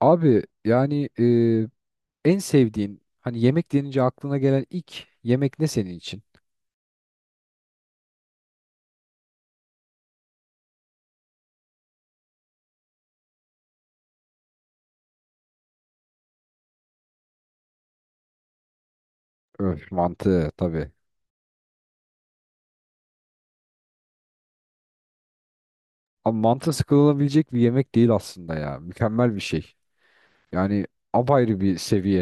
Abi yani en sevdiğin hani yemek denince aklına gelen ilk yemek ne senin için? Öf, mantı tabii. Ama mantı sıkılabilecek bir yemek değil aslında ya. Mükemmel bir şey. Yani apayrı bir seviye.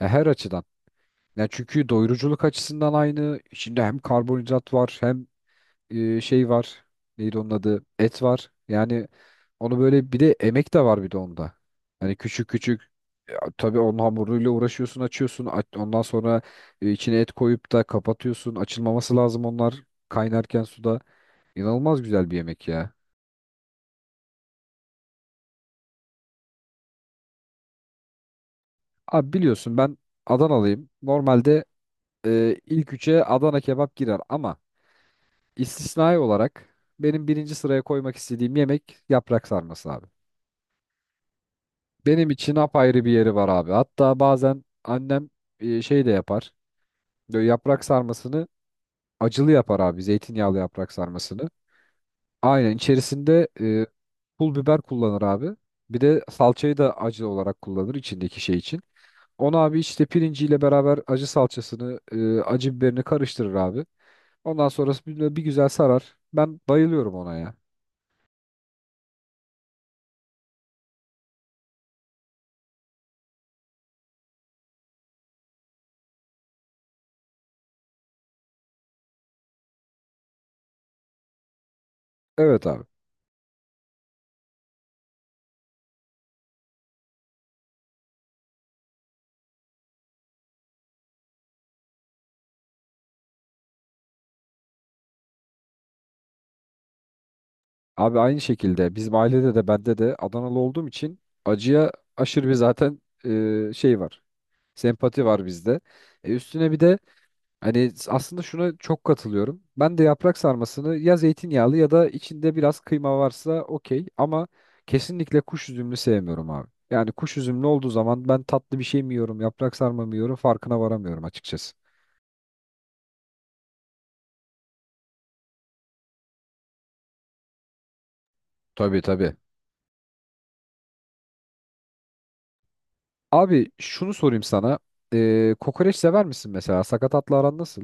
Ya her açıdan. Ya çünkü doyuruculuk açısından aynı. İçinde hem karbonhidrat var hem şey var. Neydi onun adı? Et var. Yani onu böyle bir de emek de var bir de onda. Hani küçük küçük ya, tabii onun hamuruyla uğraşıyorsun, açıyorsun. Ondan sonra içine et koyup da kapatıyorsun. Açılmaması lazım onlar kaynarken suda. İnanılmaz güzel bir yemek ya. Abi biliyorsun ben Adanalıyım. Normalde ilk üçe Adana kebap girer ama istisnai olarak benim birinci sıraya koymak istediğim yemek yaprak sarması abi. Benim için apayrı bir yeri var abi. Hatta bazen annem şey de yapar. Böyle yaprak sarmasını acılı yapar abi. Zeytinyağlı yaprak sarmasını. Aynen içerisinde pul biber kullanır abi. Bir de salçayı da acı olarak kullanır içindeki şey için. Onu abi işte pirinciyle beraber acı salçasını, acı biberini karıştırır abi. Ondan sonrası bir güzel sarar. Ben bayılıyorum ona ya. Evet abi. Abi aynı şekilde bizim ailede de bende de Adanalı olduğum için acıya aşırı bir zaten şey var. Sempati var bizde. Üstüne bir de hani aslında şuna çok katılıyorum. Ben de yaprak sarmasını ya zeytinyağlı ya da içinde biraz kıyma varsa okey ama kesinlikle kuş üzümlü sevmiyorum abi. Yani kuş üzümlü olduğu zaman ben tatlı bir şey mi yiyorum, yaprak sarma mı yiyorum farkına varamıyorum açıkçası. Tabii tabii. Abi şunu sorayım sana. Kokoreç sever misin mesela? Sakatatla aran nasıl?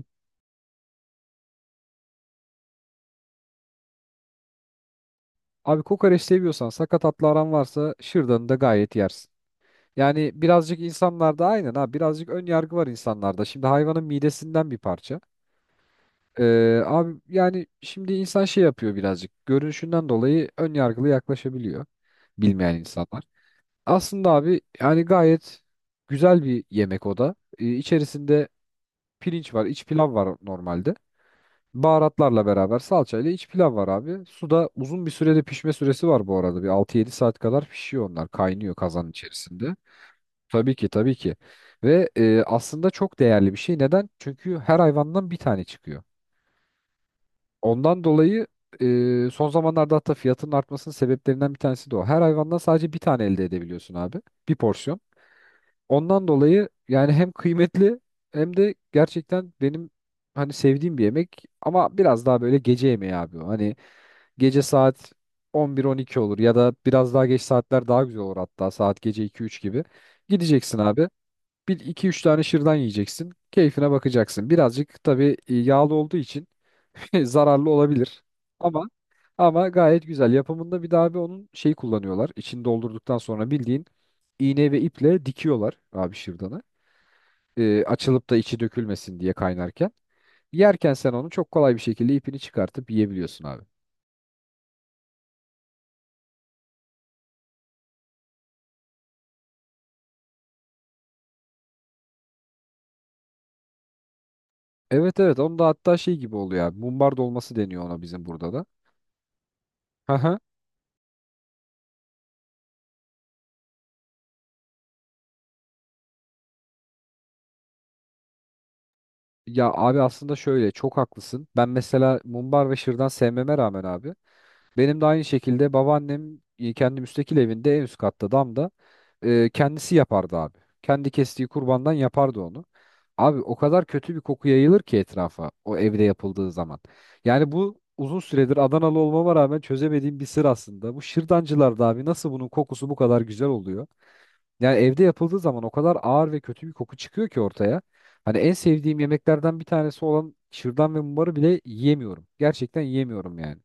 Abi kokoreç seviyorsan sakat atlı aran varsa şırdanı da gayet yersin. Yani birazcık insanlarda aynen ha birazcık ön yargı var insanlarda. Şimdi hayvanın midesinden bir parça. Abi yani şimdi insan şey yapıyor birazcık. Görünüşünden dolayı ön yargılı yaklaşabiliyor bilmeyen insanlar. Aslında abi yani gayet güzel bir yemek o da. İçerisinde pirinç var, iç pilav var normalde. Baharatlarla beraber salçayla iç pilav var abi. Suda uzun bir sürede pişme süresi var bu arada. Bir 6-7 saat kadar pişiyor onlar. Kaynıyor kazanın içerisinde. Tabii ki tabii ki. Ve aslında çok değerli bir şey. Neden? Çünkü her hayvandan bir tane çıkıyor. Ondan dolayı son zamanlarda hatta fiyatının artmasının sebeplerinden bir tanesi de o. Her hayvandan sadece bir tane elde edebiliyorsun abi. Bir porsiyon. Ondan dolayı yani hem kıymetli hem de gerçekten benim hani sevdiğim bir yemek ama biraz daha böyle gece yemeği abi. O. Hani gece saat 11-12 olur ya da biraz daha geç saatler daha güzel olur hatta saat gece 2-3 gibi. Gideceksin abi. Bir 2-3 tane şırdan yiyeceksin. Keyfine bakacaksın. Birazcık tabii yağlı olduğu için zararlı olabilir. Ama Ama gayet güzel. Yapımında bir daha abi onun şey kullanıyorlar. İçini doldurduktan sonra bildiğin iğne ve iple dikiyorlar abi şırdanı. Açılıp da içi dökülmesin diye kaynarken. Yerken sen onu çok kolay bir şekilde ipini çıkartıp yiyebiliyorsun abi. Evet evet onun da hatta şey gibi oluyor abi. Mumbar dolması deniyor ona bizim burada da. Haha. Ya abi aslında şöyle çok haklısın. Ben mesela mumbar ve şırdan sevmeme rağmen abi benim de aynı şekilde babaannem kendi müstakil evinde en üst katta damda kendisi yapardı abi. Kendi kestiği kurbandan yapardı onu. Abi o kadar kötü bir koku yayılır ki etrafa o evde yapıldığı zaman. Yani bu uzun süredir Adanalı olmama rağmen çözemediğim bir sır aslında. Bu şırdancılarda abi nasıl bunun kokusu bu kadar güzel oluyor? Yani evde yapıldığı zaman o kadar ağır ve kötü bir koku çıkıyor ki ortaya. Hani en sevdiğim yemeklerden bir tanesi olan şırdan ve mumbarı bile yiyemiyorum. Gerçekten yiyemiyorum yani.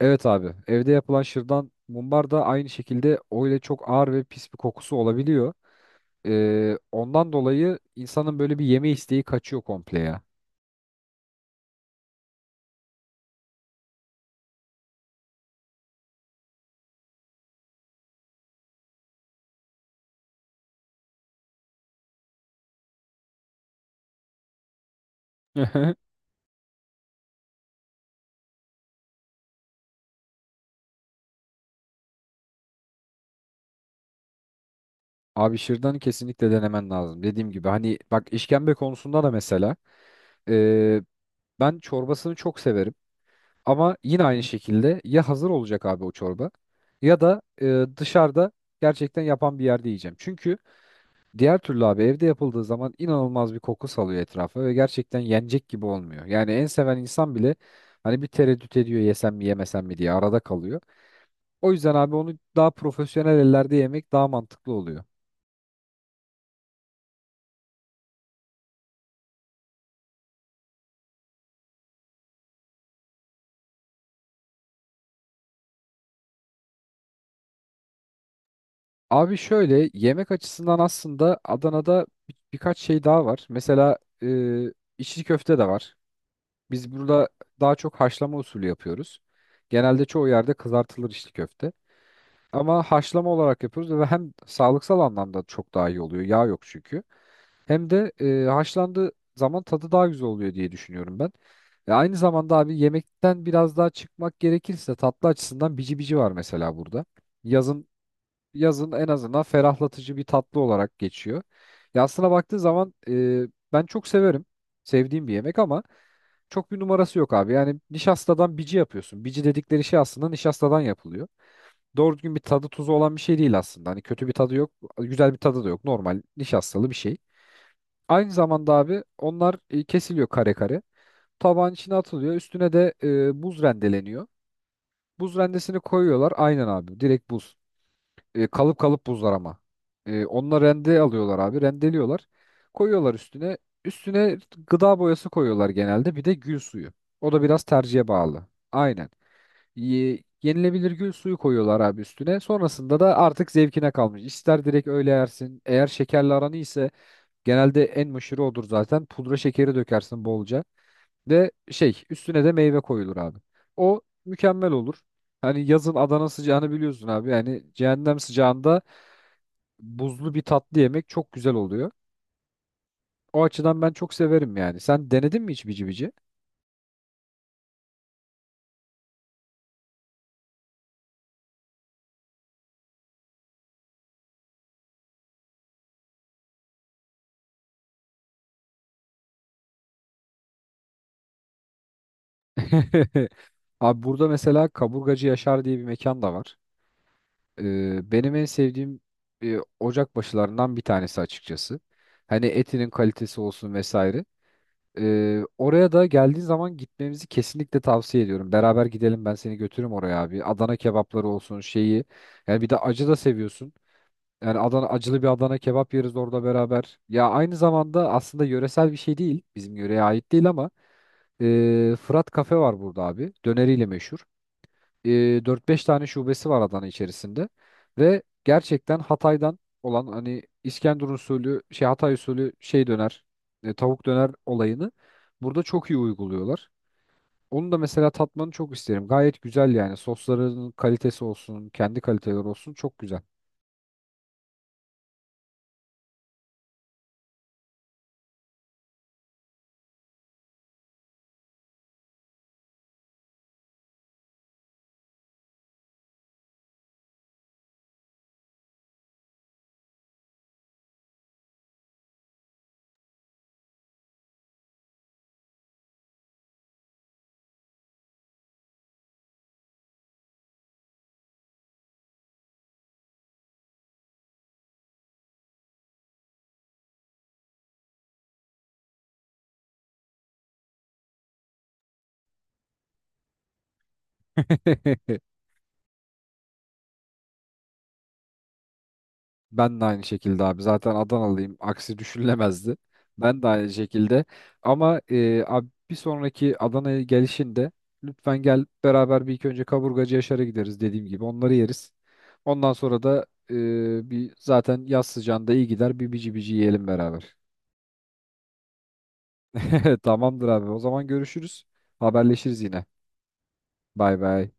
Evet abi. Evde yapılan şırdan mumbar da aynı şekilde öyle çok ağır ve pis bir kokusu olabiliyor. Ondan dolayı insanın böyle bir yeme isteği kaçıyor komple ya. Abi şırdanı kesinlikle denemen lazım. Dediğim gibi hani bak işkembe konusunda da mesela ee, ben çorbasını çok severim. Ama yine aynı şekilde ya hazır olacak abi o çorba ya da dışarıda gerçekten yapan bir yerde yiyeceğim. Çünkü diğer türlü abi evde yapıldığı zaman inanılmaz bir koku salıyor etrafa ve gerçekten yenecek gibi olmuyor. Yani en seven insan bile hani bir tereddüt ediyor yesem mi yemesem mi diye arada kalıyor. O yüzden abi onu daha profesyonel ellerde yemek daha mantıklı oluyor. Abi şöyle yemek açısından aslında Adana'da birkaç şey daha var. Mesela e, içli köfte de var. Biz burada daha çok haşlama usulü yapıyoruz. Genelde çoğu yerde kızartılır içli köfte. Ama haşlama olarak yapıyoruz ve hem sağlıksal anlamda çok daha iyi oluyor. Yağ yok çünkü. Hem de haşlandığı zaman tadı daha güzel oluyor diye düşünüyorum ben. Ve aynı zamanda abi yemekten biraz daha çıkmak gerekirse tatlı açısından bici bici var mesela burada. Yazın Yazın en azından ferahlatıcı bir tatlı olarak geçiyor. Ya aslına baktığı zaman ben çok severim. Sevdiğim bir yemek ama çok bir numarası yok abi. Yani nişastadan bici yapıyorsun. Bici dedikleri şey aslında nişastadan yapılıyor doğru düzgün bir tadı tuzu olan bir şey değil aslında. Hani kötü bir tadı yok, güzel bir tadı da yok. Normal nişastalı bir şey. Aynı zamanda abi onlar kesiliyor kare kare. Tabağın içine atılıyor. Üstüne de buz rendeleniyor. Buz rendesini koyuyorlar. Aynen abi. Direkt buz. Kalıp kalıp buzlar ama. Onlar rende alıyorlar abi. Rendeliyorlar. Koyuyorlar üstüne. Üstüne gıda boyası koyuyorlar genelde. Bir de gül suyu. O da biraz tercihe bağlı. Aynen. Yenilebilir gül suyu koyuyorlar abi üstüne. Sonrasında da artık zevkine kalmış. İster direkt öyle yersin. Eğer şekerli aranı ise genelde en meşhuru odur zaten. Pudra şekeri dökersin bolca. Ve şey üstüne de meyve koyulur abi. O mükemmel olur. Hani yazın Adana sıcağını biliyorsun abi. Yani cehennem sıcağında buzlu bir tatlı yemek çok güzel oluyor. O açıdan ben çok severim yani. Sen denedin mi hiç bici bici? Abi burada mesela Kaburgacı Yaşar diye bir mekan da var. Benim en sevdiğim ocak başılarından bir tanesi açıkçası. Hani etinin kalitesi olsun vesaire. Oraya da geldiğin zaman gitmemizi kesinlikle tavsiye ediyorum. Beraber gidelim ben seni götürürüm oraya abi. Adana kebapları olsun şeyi. Yani bir de acı da seviyorsun. Yani Adana acılı bir Adana kebap yeriz orada beraber. Ya aynı zamanda aslında yöresel bir şey değil. Bizim yöreye ait değil ama Fırat Kafe var burada abi. Döneriyle meşhur e, 4-5 tane şubesi var Adana içerisinde ve gerçekten Hatay'dan olan hani İskenderun usulü şey Hatay usulü şey döner tavuk döner olayını burada çok iyi uyguluyorlar. Onu da mesela tatmanı çok isterim. Gayet güzel yani. Sosların kalitesi olsun, kendi kaliteleri olsun çok güzel. Ben de aynı şekilde abi. Zaten Adanalıyım. Aksi düşünülemezdi. Ben de aynı şekilde. Ama abi bir sonraki Adana'ya gelişinde lütfen gel beraber bir ilk önce Kaburgacı Yaşar'a gideriz dediğim gibi. Onları yeriz. Ondan sonra da bir zaten yaz sıcağında iyi gider. Bir bici bici yiyelim beraber. Tamamdır abi. O zaman görüşürüz. Haberleşiriz yine. Bay bay.